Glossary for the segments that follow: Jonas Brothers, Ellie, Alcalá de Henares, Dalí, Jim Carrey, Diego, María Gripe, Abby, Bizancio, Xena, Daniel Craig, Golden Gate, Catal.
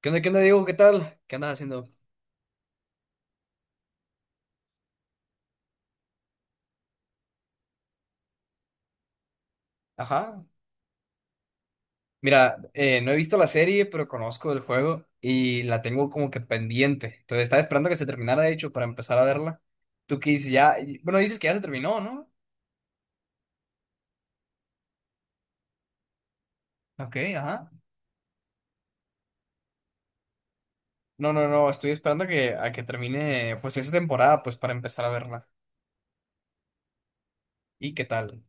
Qué onda, Diego? ¿Qué tal? ¿Qué andas haciendo? Ajá. Mira, no he visto la serie, pero conozco el juego y la tengo como que pendiente. Entonces estaba esperando que se terminara, de hecho, para empezar a verla. Tú que dices ya, bueno, dices que ya se terminó, ¿no? Ok, ajá. No, no, no, estoy esperando a que termine pues esa temporada, pues para empezar a verla. ¿Y qué tal?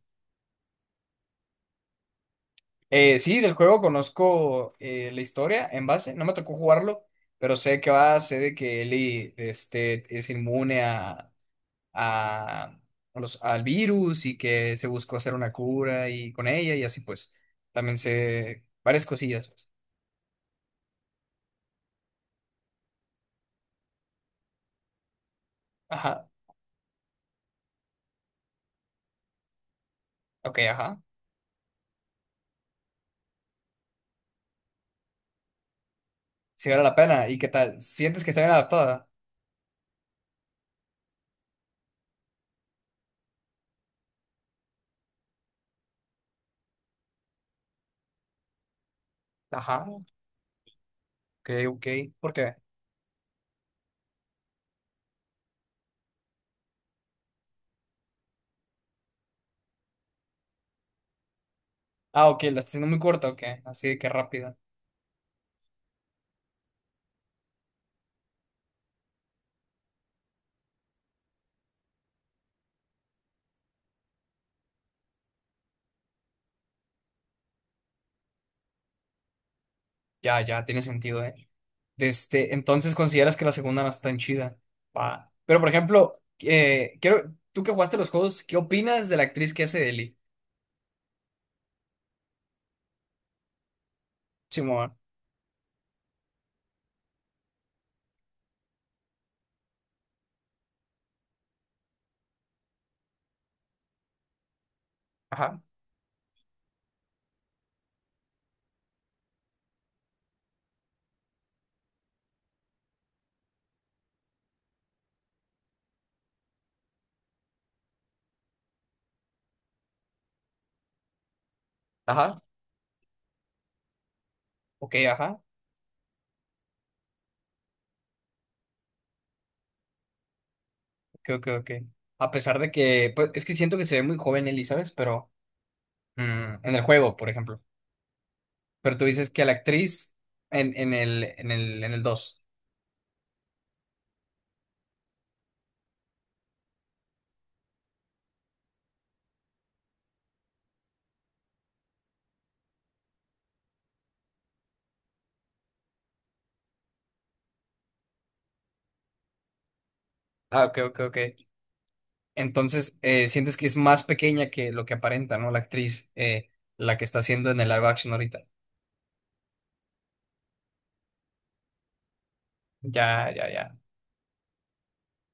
Sí, del juego conozco la historia en base, no me tocó jugarlo, pero sé que va, sé de que Ellie este, es inmune a a a los, al virus y que se buscó hacer una cura y con ella y así pues también sé varias cosillas, pues. Ajá, ok, ajá. Si vale la pena. ¿Y qué tal? ¿Sientes que está bien adaptada? Ajá, ok, ok. ¿Por qué? Ah, ok, la está haciendo muy corta, ok. Así que rápida. Ya, ya, tiene sentido, ¿eh? Desde, entonces consideras que la segunda no está tan chida. Va. Pero por ejemplo, tú que jugaste los juegos, ¿qué opinas de la actriz que hace de Ellie? Simón. Ajá, ajá. Ok, ajá. Creo que, ok, ok. A pesar de que, pues, es que siento que se ve muy joven Ellie, ¿sabes? Pero mm, en el juego, por ejemplo. Pero tú dices que a la actriz en el dos. Ah, ok, ok, ok. Entonces, sientes que es más pequeña que lo que aparenta, ¿no? La actriz, la que está haciendo en el live action ahorita. Ya, ya, ya.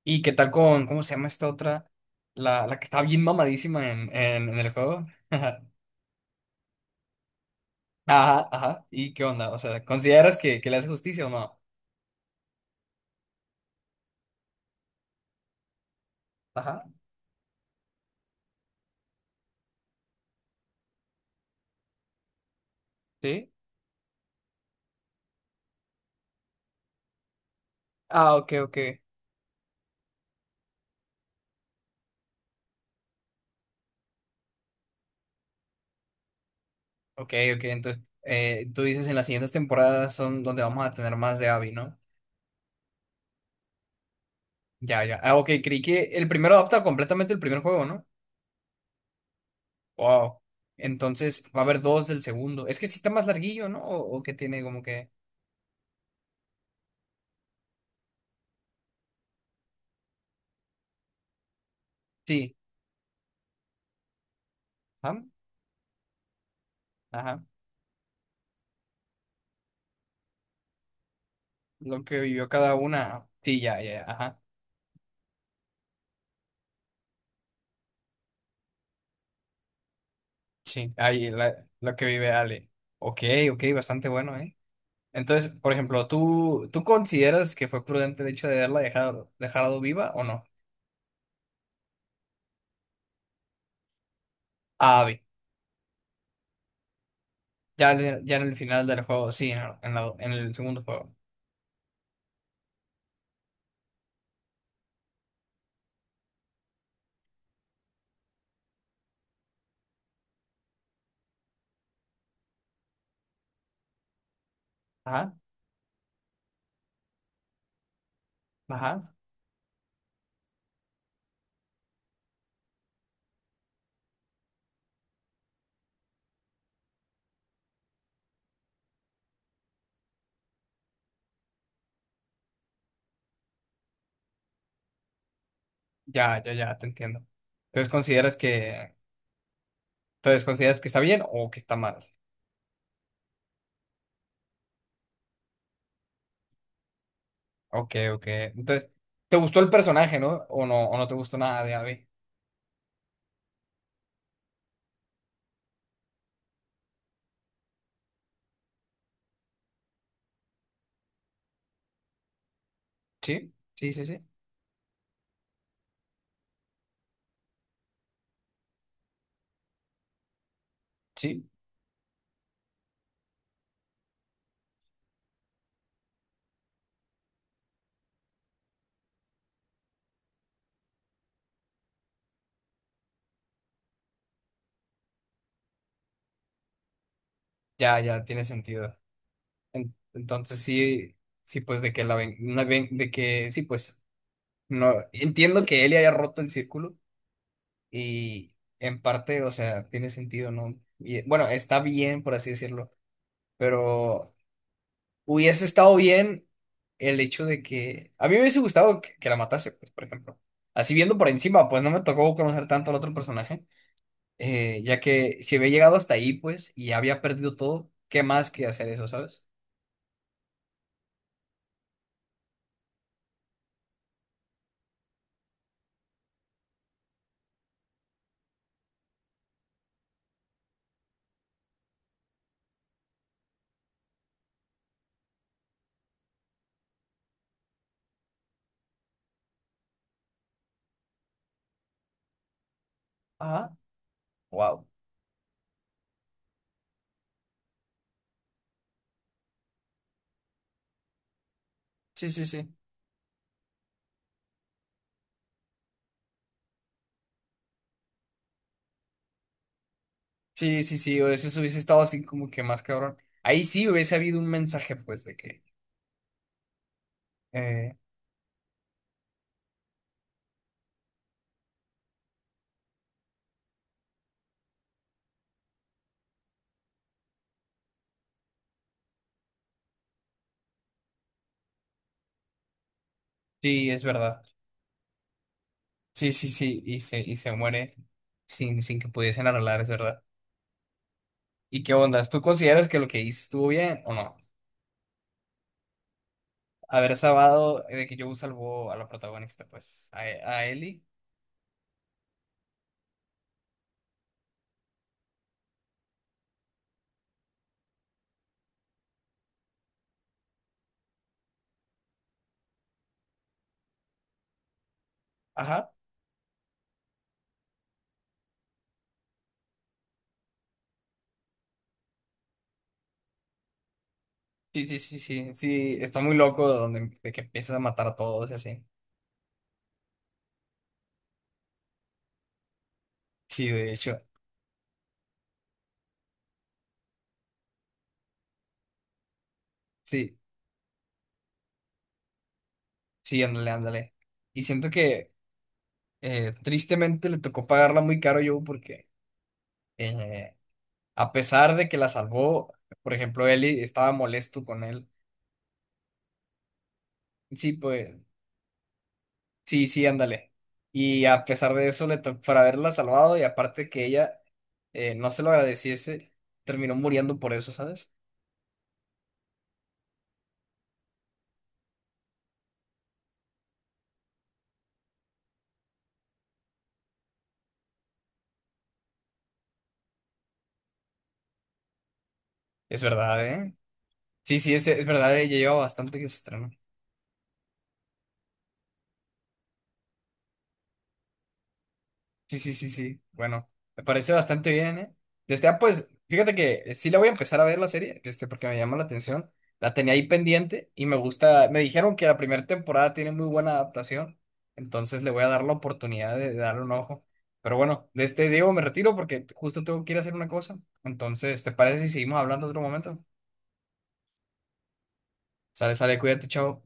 ¿Y qué tal con, cómo se llama esta otra? La que está bien mamadísima en el juego. Ajá, ajá. ¿Y qué onda? O sea, ¿consideras que le hace justicia o no? Ajá, sí. Ah, ok, ok. Ok, ok. Entonces, tú dices en las siguientes temporadas son donde vamos a tener más de Abby, ¿no? Ya, ya. Ah, ok, creí que el primero adapta completamente el primer juego, ¿no? Wow. Entonces, va a haber dos del segundo. Es que sí está más larguillo, ¿no? O que tiene como que. Sí. Ajá. Ajá. Lo que vivió cada una. Sí, ya, ya, ya, ajá. Sí. Ahí, lo que vive Ale. Ok, ok, bastante bueno, ¿eh? Entonces, por ejemplo, ¿tú consideras que fue prudente el hecho de dejado viva o no? Ah, ya, ya en el final del juego, sí, en el segundo juego. Ajá, ajá. Ya, ya, ya, te entiendo. Entonces consideras que, entonces consideras que está bien o que está mal. Ok, ok. Entonces, ¿te gustó el personaje, no? O no, o no te gustó nada de Abby. Sí, sí, sí, sí. Sí, ya, ya, tiene sentido. En- entonces sí, sí, pues de que la ven, de que, sí, pues, no, entiendo que él haya roto el círculo. Y en parte, o sea, tiene sentido, ¿no? Y, bueno, está bien, por así decirlo, pero hubiese estado bien el hecho de que... A mí me hubiese gustado que la matase, pues, por ejemplo. Así viendo por encima, pues no me tocó conocer tanto al otro personaje, ya que si había llegado hasta ahí, pues, y había perdido todo, ¿qué más que hacer eso, sabes? Ajá. Wow. Sí, sí, sí. Sí, sí, sí. O eso hubiese estado así como que más cabrón. Ahí sí hubiese habido un mensaje, pues, de que eh, sí, es verdad. Sí, sí, sí, y y se muere sin que pudiesen arreglar, es verdad. ¿Y qué ondas? ¿Tú consideras que lo que hice estuvo bien o no? Haber salvado, de que yo salvó a la protagonista, pues, a Ellie. Ajá. Sí, sí, sí, sí, sí, está muy loco de que empiezas a matar a todos y así. Sí, de hecho, sí, sí, ándale, ándale. Y siento que tristemente le tocó pagarla muy caro yo porque eh, a pesar de que la salvó, por ejemplo, Ellie estaba molesto con él. Sí, pues sí, sí, ándale. Y a pesar de eso, por haberla salvado y aparte que ella no se lo agradeciese, terminó muriendo por eso, ¿sabes? Es verdad, ¿eh? Sí, sí, es verdad, ella lleva bastante que se estrenó. Sí, sí, sí, sí. Bueno, me parece bastante bien, ¿eh? Este, ah, pues, fíjate que sí la voy a empezar a ver la serie, este, porque me llama la atención. La tenía ahí pendiente y me gusta. Me dijeron que la primera temporada tiene muy buena adaptación, entonces le voy a dar la oportunidad de darle un ojo. Pero bueno, de este Diego me retiro porque justo tengo que ir a hacer una cosa. Entonces, ¿te parece si seguimos hablando otro momento? Sale, sale, cuídate, chao.